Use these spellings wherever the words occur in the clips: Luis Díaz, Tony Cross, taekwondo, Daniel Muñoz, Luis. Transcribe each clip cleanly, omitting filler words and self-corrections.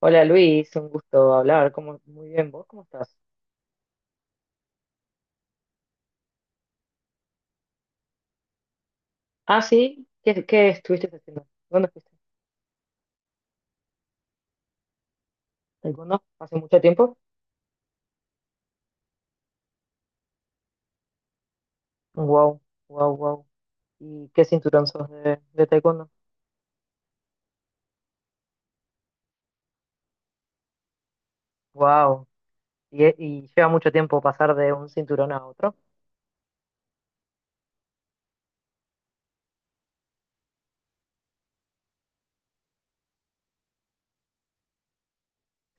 Hola Luis, un gusto hablar. ¿Cómo? Muy bien, ¿vos cómo estás? Ah, sí, ¿qué estuviste haciendo? ¿Dónde fuiste? ¿Taekwondo? ¿Hace mucho tiempo? Wow, wow, wow. ¿Y qué cinturón sos de taekwondo? Wow. ¿Y lleva mucho tiempo pasar de un cinturón a otro?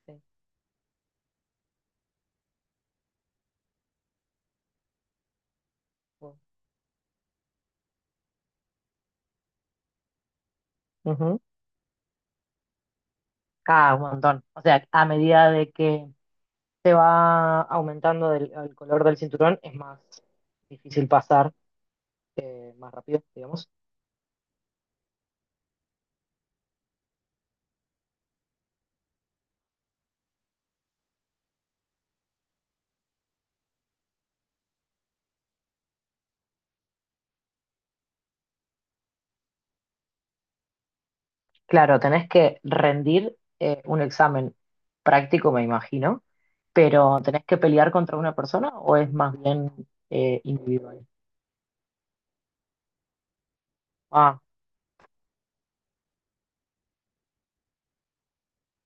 Sí. Wow. Ujú. Ah, un montón. O sea, a medida de que se va aumentando el color del cinturón, es más difícil pasar, más rápido, digamos. Claro, tenés que rendir un examen práctico, me imagino, pero ¿tenés que pelear contra una persona o es más bien individual? Ah,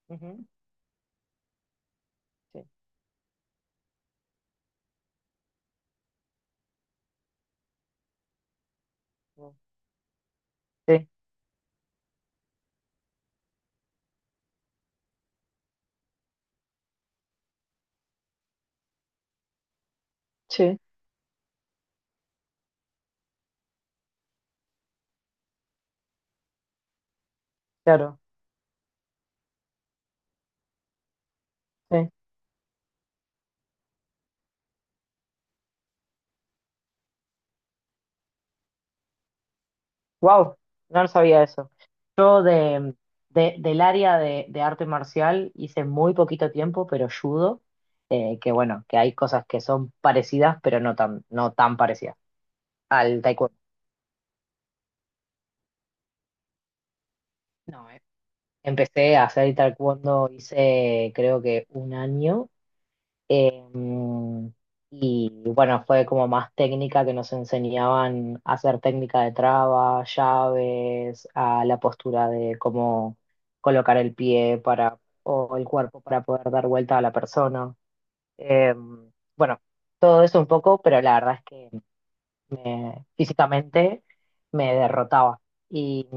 ujú, sí, wow, sí, sí. Claro, sí. Wow, no sabía eso. Yo del área de arte marcial hice muy poquito tiempo, pero judo, que bueno, que hay cosas que son parecidas, pero no tan parecidas al taekwondo. No, empecé a hacer taekwondo, hice creo que un año. em, y bueno, fue como más técnica que nos enseñaban a hacer técnica de traba, llaves, a la postura de cómo colocar el pie para, o el cuerpo para poder dar vuelta a la persona. Em, bueno, todo eso un poco, pero la verdad es que físicamente me derrotaba. Y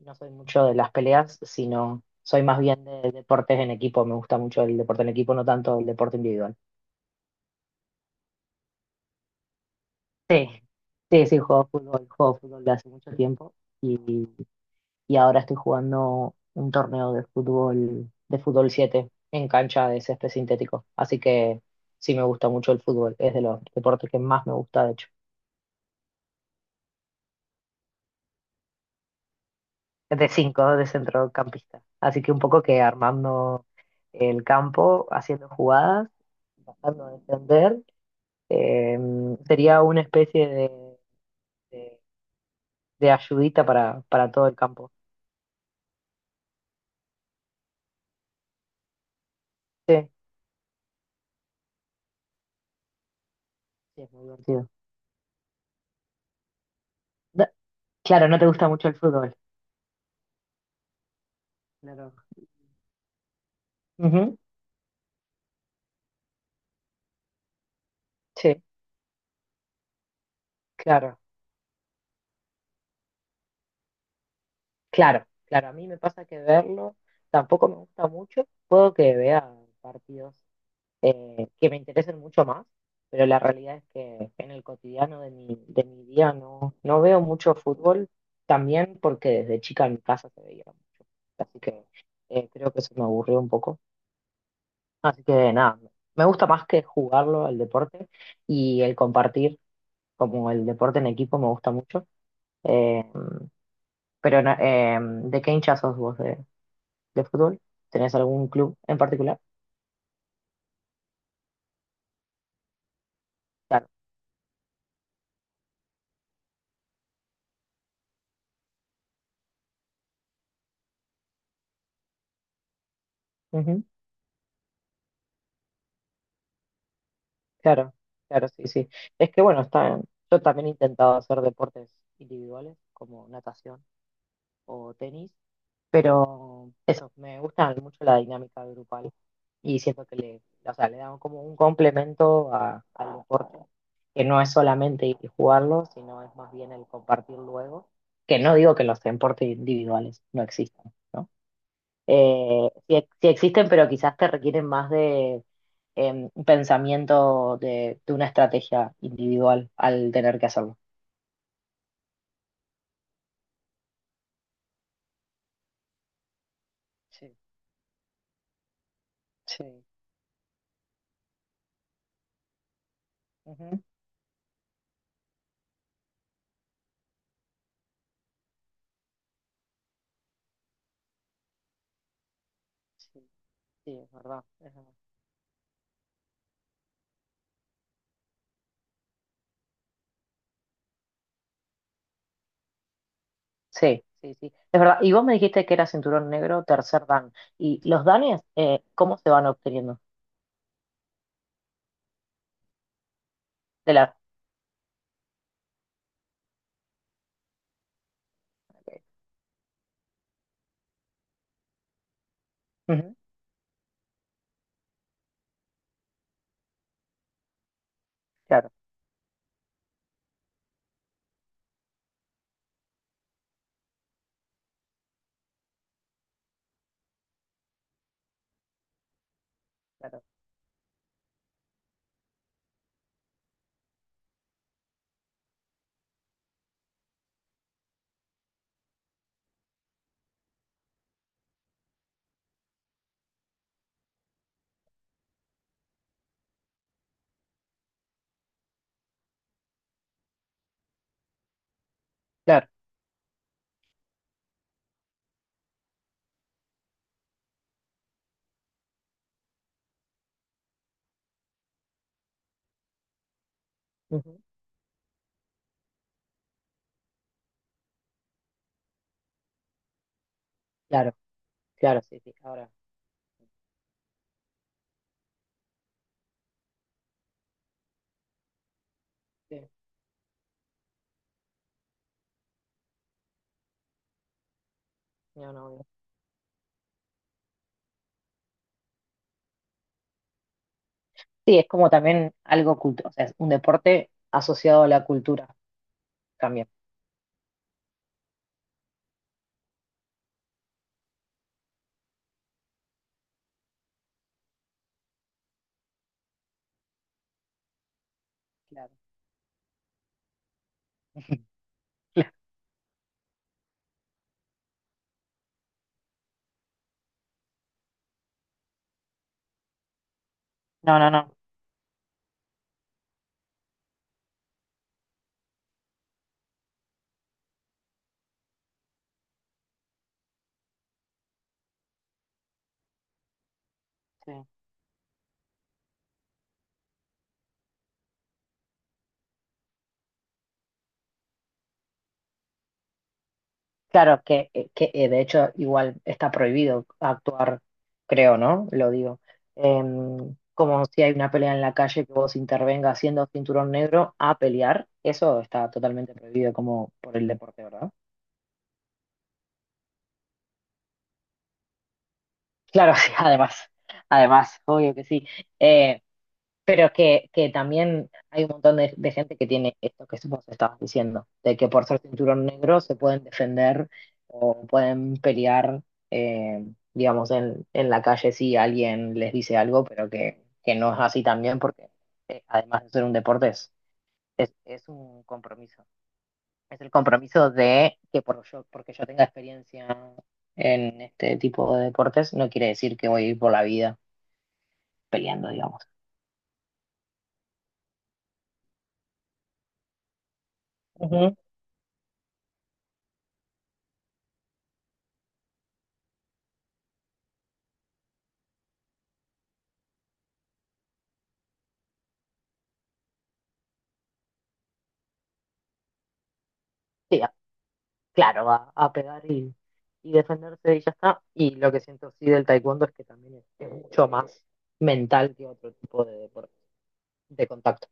no soy mucho de las peleas, sino soy más bien de deportes en equipo. Me gusta mucho el deporte en equipo, no tanto el deporte individual. Sí, sí, sí, juego fútbol de hace mucho tiempo y, y ahora estoy jugando un torneo de fútbol 7 en cancha de césped sintético. Así que sí me gusta mucho el fútbol, es de los deportes que más me gusta, de hecho. Es de 5 de centrocampista. Así que un poco que armando el campo, haciendo jugadas, tratando de defender. Eh, sería una especie de- de ayudita para todo el campo. Sí, sí, es muy divertido. Da- claro, no te gusta mucho el fútbol. Claro. Ujú, sí, claro, claro, claro. A mí me pasa que verlo tampoco me gusta mucho. Puedo que vea partidos que me interesen mucho más, pero la realidad es que en el cotidiano de mi día no veo mucho fútbol, también porque desde chica en mi casa se veía mucho. Así que creo que eso me aburrió un poco. Así que nada, me gusta más que jugarlo el deporte y el compartir, como el deporte en equipo me gusta mucho. Eh, pero ¿de qué hincha sos vos de fútbol? ¿Tenés algún club en particular? Claro, ujú, claro, claro, sí, sí. Es que bueno, está, yo también he intentado hacer deportes individuales como natación o tenis. Pero eso, me gusta mucho la dinámica grupal y siento que o sea, le dan como un complemento al deporte, que no es solamente ir y jugarlo, sino es más bien el compartir luego, que no digo que los deportes individuales no existan, ¿no? Sí, sí existen, pero quizás te requieren más de un pensamiento de una estrategia individual al tener que hacerlo. Sí, sí. Ujú. Sí, sí, es verdad. Sí, sí, sí. Es verdad. Y vos me dijiste que era cinturón negro, tercer dan. ¿Y los danes, cómo se van obteniendo? De la... Ujú, claro, claro, claro. Ujú, claro, claro, sí, sí. Ahora. Sí, no, no, no. Sí, es como también algo culto, o sea, es un deporte asociado a la cultura también. Claro. Claro. No, no, no. Sí. Claro, que de hecho igual está prohibido actuar, creo, ¿no? Lo digo. Como si hay una pelea en la calle que vos intervengas siendo cinturón negro a pelear, eso está totalmente prohibido como por el deporte, ¿verdad? Claro, sí, además, además, obvio que sí. Eh, Pero que también hay un montón de gente que tiene esto que vos estabas diciendo, de que por ser cinturón negro se pueden defender o pueden pelear, eh, digamos, en la calle si alguien les dice algo, pero que no es así también, porque además de ser un deporte, es, es un compromiso. Es el compromiso de que porque yo tenga experiencia en este tipo de deportes, no quiere decir que voy a ir por la vida peleando, digamos. Ujú. Sí, claro, a, pegar y defenderse y ya está. Y lo que siento sí del taekwondo es que también es mucho más mental que otro tipo de deporte, de contacto.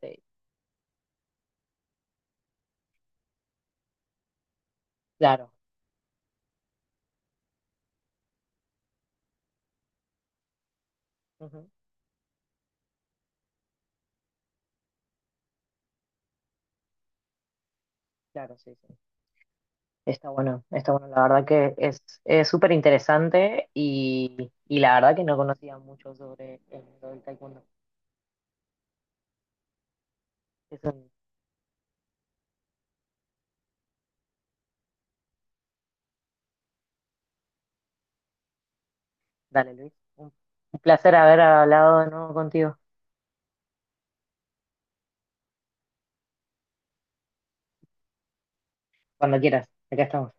Sí, claro, ujú, claro, sí, sí. Está bueno, está bueno. La verdad que es súper interesante y la verdad que no conocía mucho sobre el mundo del taekwondo. Es un- dale, Luis, un, placer haber hablado de nuevo contigo. Cuando quieras, acá estamos.